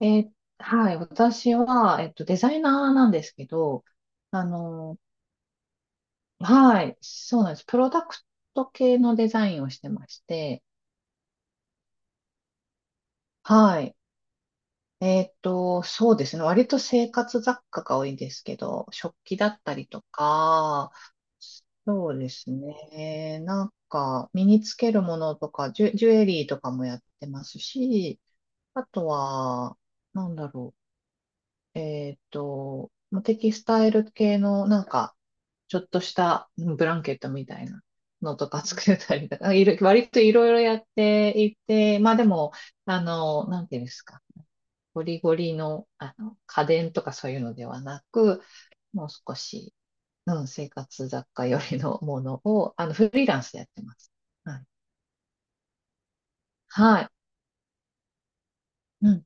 えーはい、私は、デザイナーなんですけど、あの、はい、そうなんです。プロダクト系のデザインをしてまして、はい、そうですね。割と生活雑貨が多いんですけど、食器だったりとか、そうですね。なんか、身につけるものとか、ジュエリーとかもやってますし、あとは、なんだろう。まあテキスタイル系の、なんか、ちょっとしたブランケットみたいなのとか作ったりとか、割といろいろやっていて、まあでも、なんていうんですか、ゴリゴリの、家電とかそういうのではなく、もう少し、うん、生活雑貨よりのものを、フリーランスでやってます。はい。はい。うん。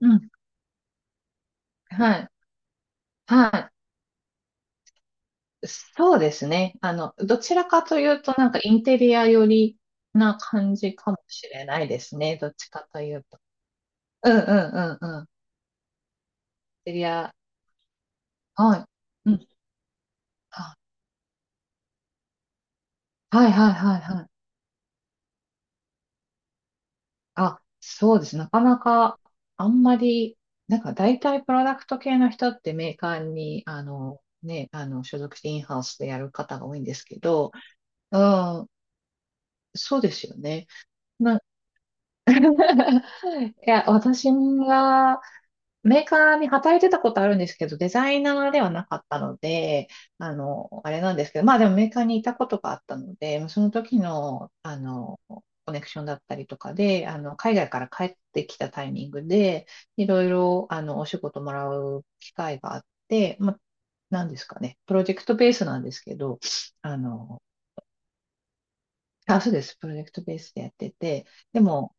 うん。はい。はい。そうですね。どちらかというと、なんかインテリア寄りな感じかもしれないですね。どっちかというと。うんうんうんうん。セリア、はい。うん。ははいはいはいはい。あ、そうです。なかなか、あんまり、なんか大体プロダクト系の人ってメーカーに、ね、所属してインハウスでやる方が多いんですけど、うん、そうですよね。な、いや、私が、メーカーに働いてたことあるんですけど、デザイナーではなかったので、あれなんですけど、まあでもメーカーにいたことがあったので、その時の、コネクションだったりとかで、海外から帰ってきたタイミングで、いろいろ、お仕事もらう機会があって、まあ、なんですかね、プロジェクトベースなんですけど、あの、あ、そうです、プロジェクトベースでやってて、でも、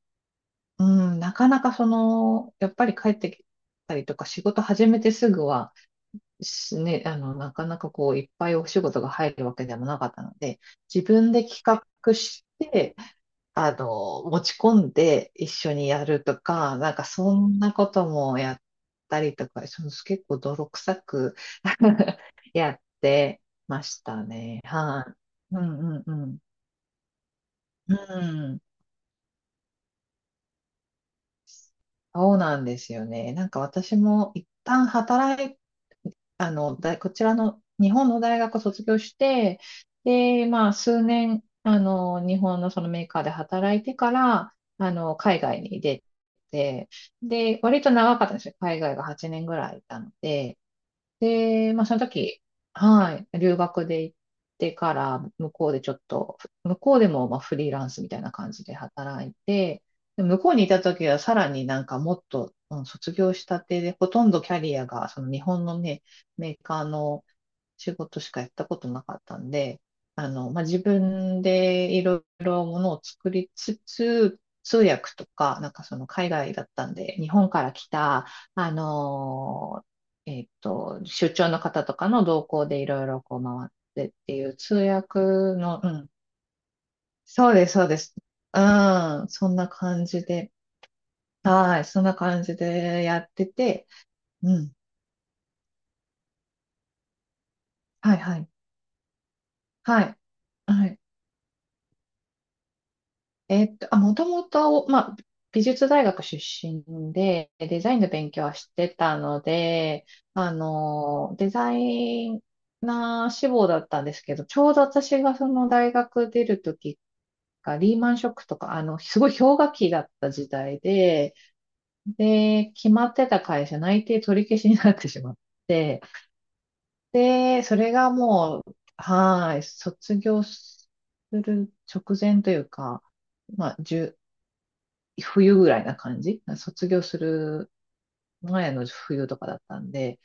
うん、なかなかその、やっぱり帰ってきたりとか、仕事始めてすぐは、なかなかこう、いっぱいお仕事が入るわけでもなかったので、自分で企画して、持ち込んで一緒にやるとか、なんかそんなこともやったりとか、その結構泥臭くやってましたね。はい。うんうんうん。うん。そうなんですよね。なんか私も一旦働い、こちらの日本の大学を卒業して、で、まあ数年、日本のそのメーカーで働いてから、海外に出て、で、割と長かったんですよ。海外が8年ぐらいいたので、で、まあ、その時、はい、留学で行ってから、向こうでちょっと、向こうでもまあフリーランスみたいな感じで働いて、で向こうにいた時はさらになんかもっと、うん、卒業したてで、ほとんどキャリアが、その日本のね、メーカーの仕事しかやったことなかったんで、まあ、自分でいろいろものを作りつつ、通訳とか、なんかその海外だったんで、日本から来た、あの出張の方とかの動向でいろいろこう回ってっていう通訳の、うん、そうです、そうです。うん、そんな感じで、はい、そんな感じでやってて、うん、はい、はい、はい、はい。あ、もともと、まあ、美術大学出身で、デザインの勉強はしてたので、デザイナー志望だったんですけど、ちょうど私がその大学出るときが、リーマンショックとか、すごい氷河期だった時代で、で、決まってた会社内定取り消しになってしまって、で、それがもう、はーい、卒業する直前というか、まあ、1冬ぐらいな感じ。卒業する前の冬とかだったんで、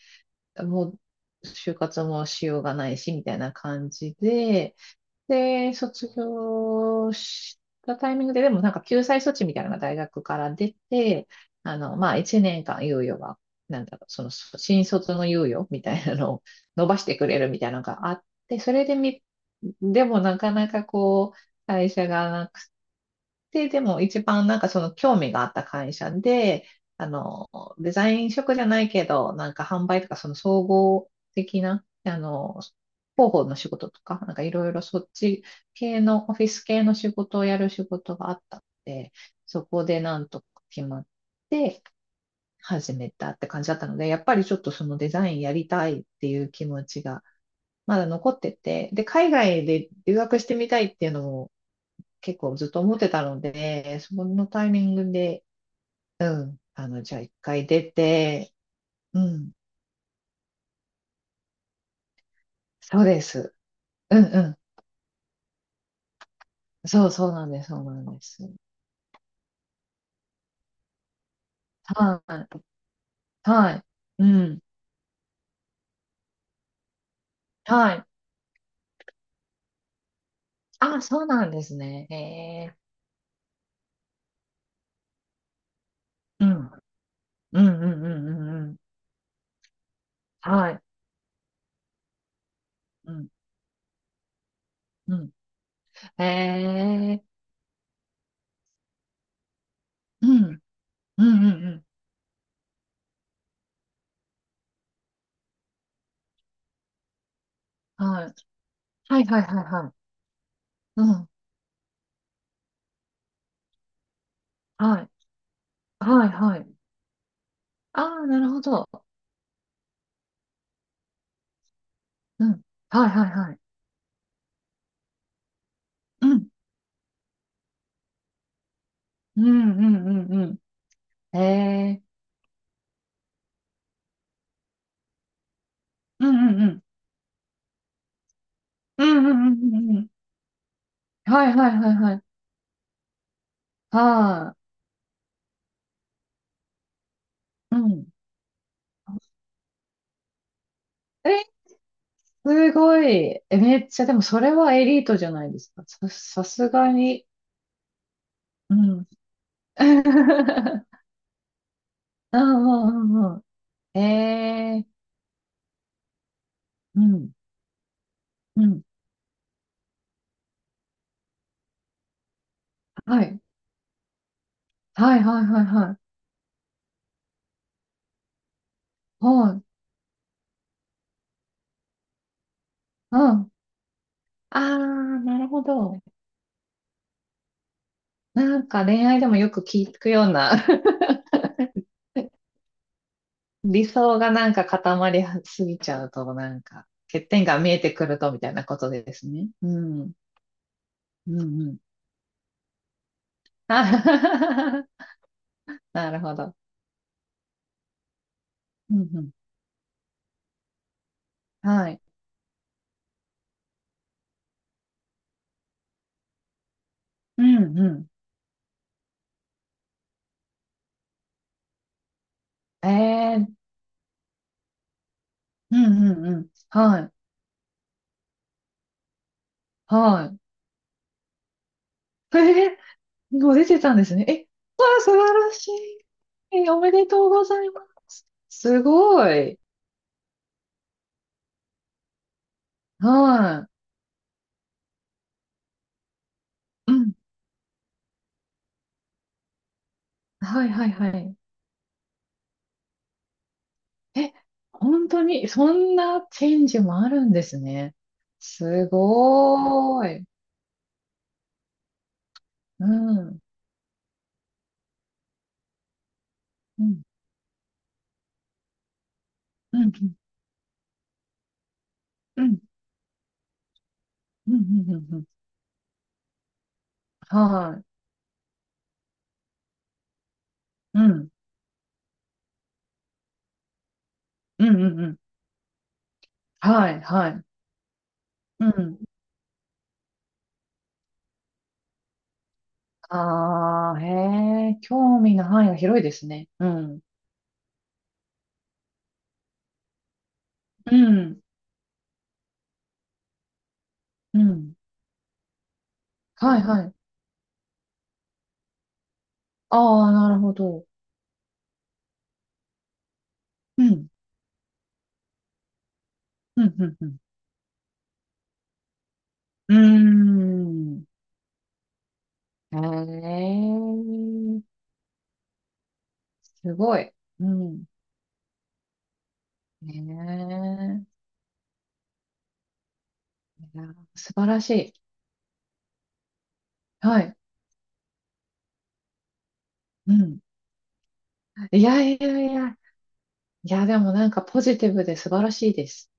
もう就活もしようがないし、みたいな感じで、で、卒業したタイミングで、でもなんか救済措置みたいなのが大学から出て、まあ、1年間猶予は、なんだろう、その、新卒の猶予みたいなのを伸ばしてくれるみたいなのがあって、それでみ、でもなかなかこう、会社がで、でも一番なんかその興味があった会社で、あの、デザイン職じゃないけど、なんか販売とかその総合的な、広報の仕事とか、なんかいろいろそっち系の、オフィス系の仕事をやる仕事があったので、そこでなんとか決まって始めたって感じだったので、やっぱりちょっとそのデザインやりたいっていう気持ちがまだ残ってて、で、海外で留学してみたいっていうのも結構ずっと思ってたので、そのタイミングで、うん、じゃあ一回出て、うん、そうです。うんうん。そうそうなんです、そうなんです。はい、はい、うん、はい。あ、そうなんですね。へえ。うん、うん、うん、うん、うん、うん。はい、うん、うん。へえ。うん、うん、うん、うん。はい。はい、はい、はい、はい。うん、はい、はい、はい。ああ、なるほど。うん、はい、はい、はい。うんうんうんうんうん。へえ。うんうんうん。うんうんうんうんうん。はいはいはいはい。はい。うん。え、すごい。え、めっちゃ、でもそれはエリートじゃないですか。さすがに。うん。うんうんうんうん。えーうん。うん。はい。はいはいはいはい。はい。うん。ああ、なるほど。なんか恋愛でもよく聞くような。理想がなんか固まりすぎちゃうと、なんか、欠点が見えてくると、みたいなことですね。うん。うんうん。あ なるほど。うんうん。はい。うんうん。えー、うんうんうん。はい。はい。えー、もう出てたんですね。え、わあ、素晴らしい。えーおめでとうございます。すごい。はい。うん。はいはいはい。え、本当に、そんなチェンジもあるんですね。すごーい。うん。うん。うん。うん。うん。うん。うんうんはい。うん。うん。うん。うんはい。はい。うん。ああ、へえ、興味の範囲が広いですね。うん。うん。うん。はい。はい。ああ、なるほど。うん。うん。うん。うん。うーん。へえ、すごい。うん。ねえ。いやー、素晴らしい。はい。うん。いやいやいや。いや、でもなんかポジティブで素晴らしいです。